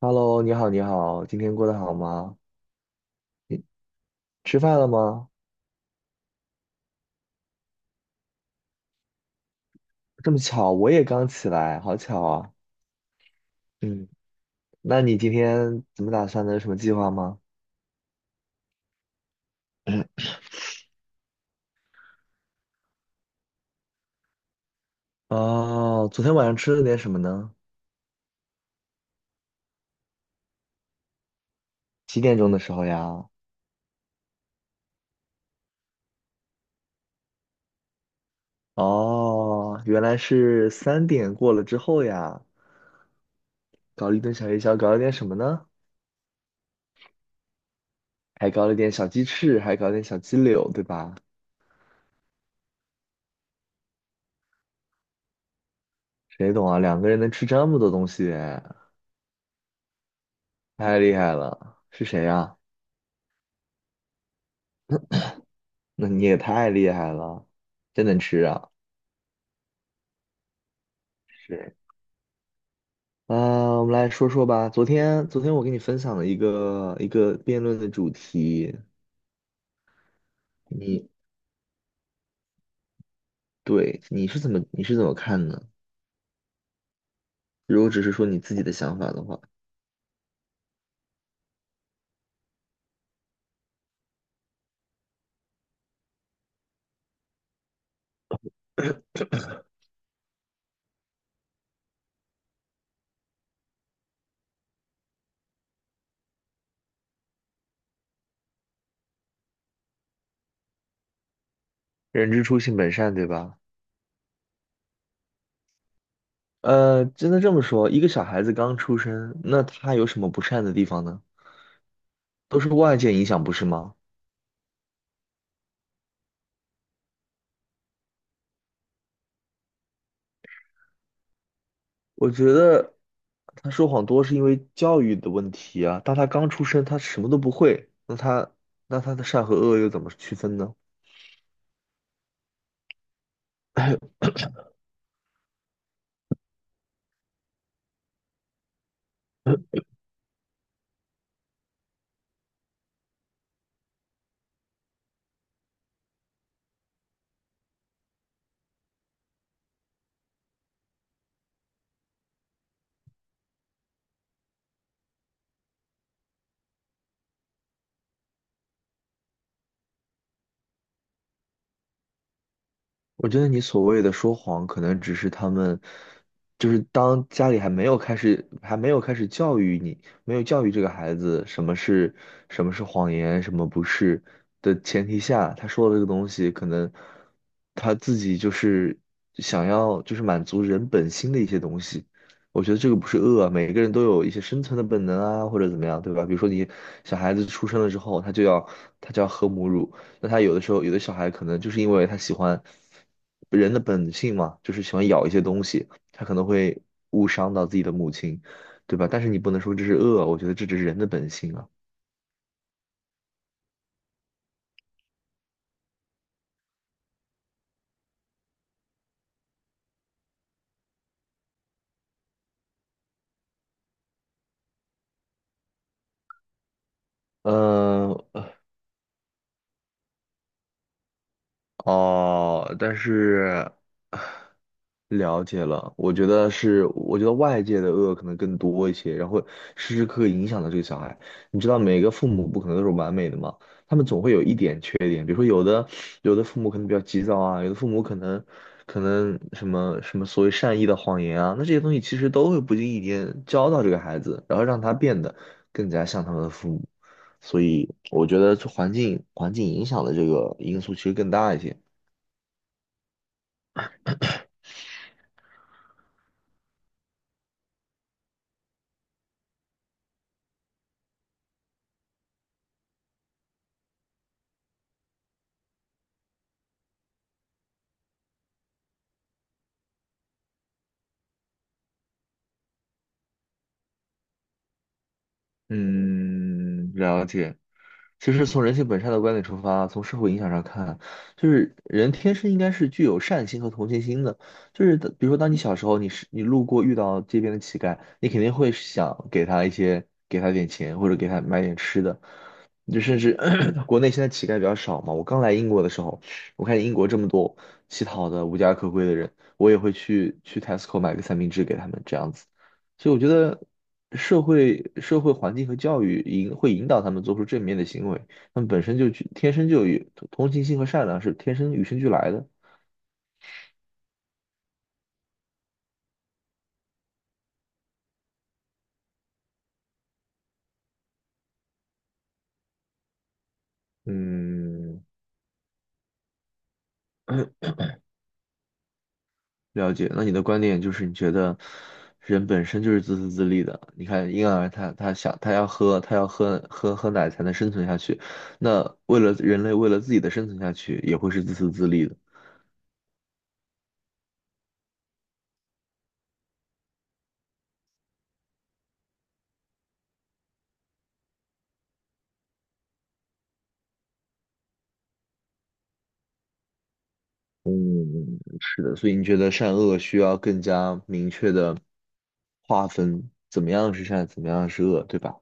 Hello，你好，你好，今天过得好吗？你吃饭了吗？这么巧，我也刚起来，好巧啊。嗯，那你今天怎么打算的？有什么计划吗？哦，昨天晚上吃了点什么呢？几点钟的时候呀？哦，原来是三点过了之后呀。搞了一顿小夜宵，搞了点什么呢？还搞了点小鸡翅，还搞了点小鸡柳，对吧？谁懂啊？两个人能吃这么多东西，太厉害了。是谁呀、那你也太厉害了，真能吃啊！是，啊，我们来说说吧。昨天，昨天我给你分享了一个辩论的主题，你你是怎么看呢？如果只是说你自己的想法的话，人之初性本善，对吧？真的这么说，一个小孩子刚出生，那他有什么不善的地方呢？都是外界影响，不是吗？我觉得他说谎多是因为教育的问题啊。当他刚出生，他什么都不会，那他的善和恶又怎么区分呢？我觉得你所谓的说谎，可能只是他们，就是当家里还没有开始，还没有开始教育你，没有教育这个孩子什么是谎言，什么不是的前提下，他说的这个东西，可能他自己就是想要就是满足人本心的一些东西。我觉得这个不是恶啊，每个人都有一些生存的本能啊，或者怎么样，对吧？比如说你小孩子出生了之后，他就要喝母乳，那他有的时候，有的小孩可能就是因为他喜欢人的本性嘛，就是喜欢咬一些东西，他可能会误伤到自己的母亲，对吧？但是你不能说这是恶，我觉得这只是人的本性啊。呃，哦，但是了解了，我觉得是，我觉得外界的恶可能更多一些，然后时时刻刻影响到这个小孩。你知道，每个父母不可能都是完美的嘛，他们总会有一点缺点，比如说有的父母可能比较急躁啊，有的父母可能可能什么什么所谓善意的谎言啊，那这些东西其实都会不经意间教到这个孩子，然后让他变得更加像他们的父母。所以我觉得这环境影响的这个因素其实更大一些。嗯，了解。其实从人性本善的观点出发，从社会影响上看，就是人天生应该是具有善心和同情心的。就是比如说，当你小时候，你路过遇到街边的乞丐，你肯定会想给他一些，给他点钱或者给他买点吃的。就甚至 国内现在乞丐比较少嘛。我刚来英国的时候，我看见英国这么多乞讨的、无家可归的人，我也会去 Tesco 买个三明治给他们这样子。所以我觉得社会环境和教育会引导他们做出正面的行为，他们本身就具天生就有同情心和善良是天生与生俱来的。嗯，了解，那你的观点就是你觉得人本身就是自私自利的。你看婴儿他要喝奶才能生存下去，那为了人类为了自己的生存下去也会是自私自利的。是的，所以你觉得善恶需要更加明确的划分，怎么样是善，怎么样是恶，对吧？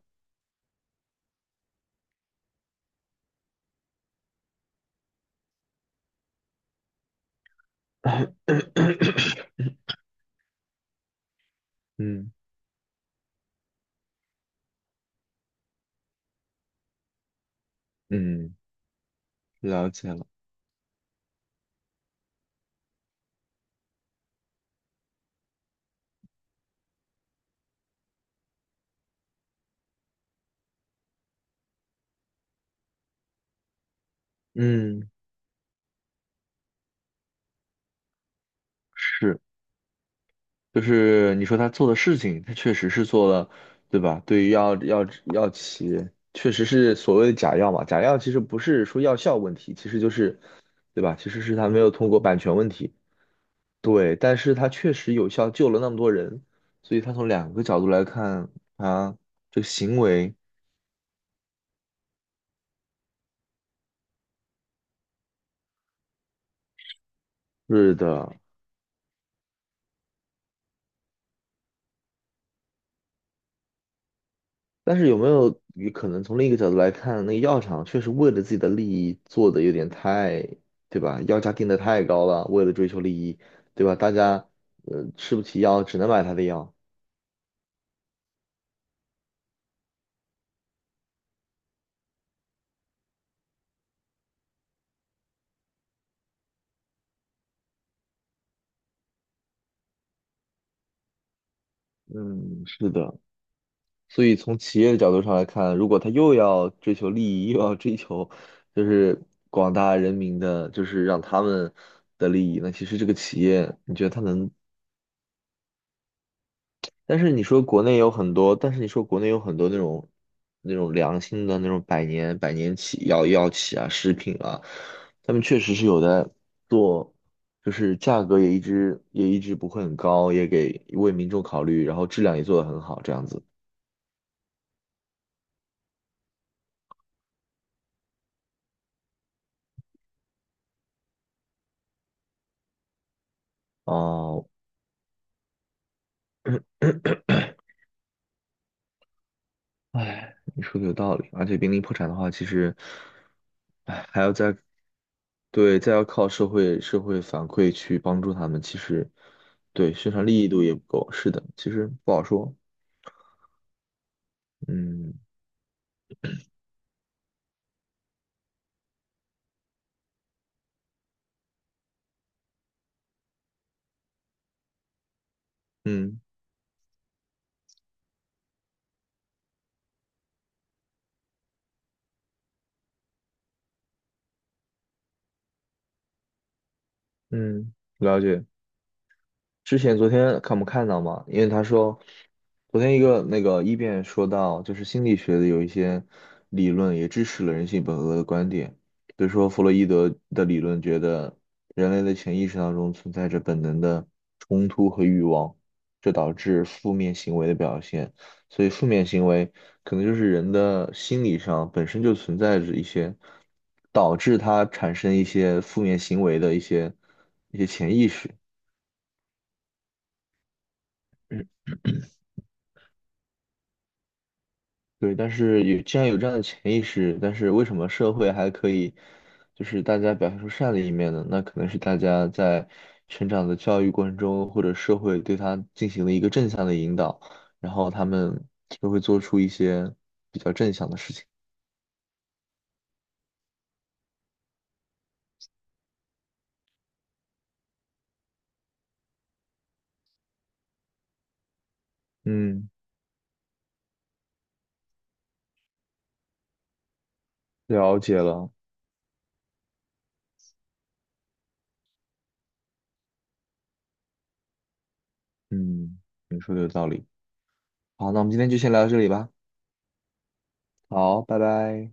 嗯嗯，了解了。嗯，是。就是你说他做的事情，他确实是做了，对吧？对于药企，确实是所谓的假药嘛。假药其实不是说药效问题，其实就是，对吧？其实是他没有通过版权问题，对。但是他确实有效救了那么多人，所以他从两个角度来看，他这个行为是的，但是有没有也可能从另一个角度来看，那个药厂确实为了自己的利益做的有点太，对吧？药价定的太高了，为了追求利益，对吧？大家吃不起药，只能买他的药。嗯，是的。所以从企业的角度上来看，如果他又要追求利益，又要追求就是广大人民的，就是让他们的利益，那其实这个企业，你觉得他能但是你说国内有很多那种良心的那种百年企啊、食品啊，他们确实是有在做，就是价格也一直不会很高，为民众考虑，然后质量也做得很好，这样子。哦，哎，你说的有道理，而且濒临破产的话，其实，哎，还要再，对，再要靠社会反馈去帮助他们，其实，对，宣传力度也不够。是的，其实不好说。嗯嗯嗯，了解。之前昨天看没看到嘛？因为他说，昨天一个那个一辩说到，就是心理学的有一些理论也支持了人性本恶的观点，比如说弗洛伊德的理论觉得人类的潜意识当中存在着本能的冲突和欲望，这导致负面行为的表现。所以负面行为可能就是人的心理上本身就存在着一些导致他产生一些负面行为的一些潜意识。对，但是有既然有这样的潜意识，但是为什么社会还可以，就是大家表现出善的一面呢？那可能是大家在成长的教育过程中，或者社会对他进行了一个正向的引导，然后他们就会做出一些比较正向的事情。嗯，了解了。嗯，你说的有道理。好，那我们今天就先聊到这里吧。好，拜拜。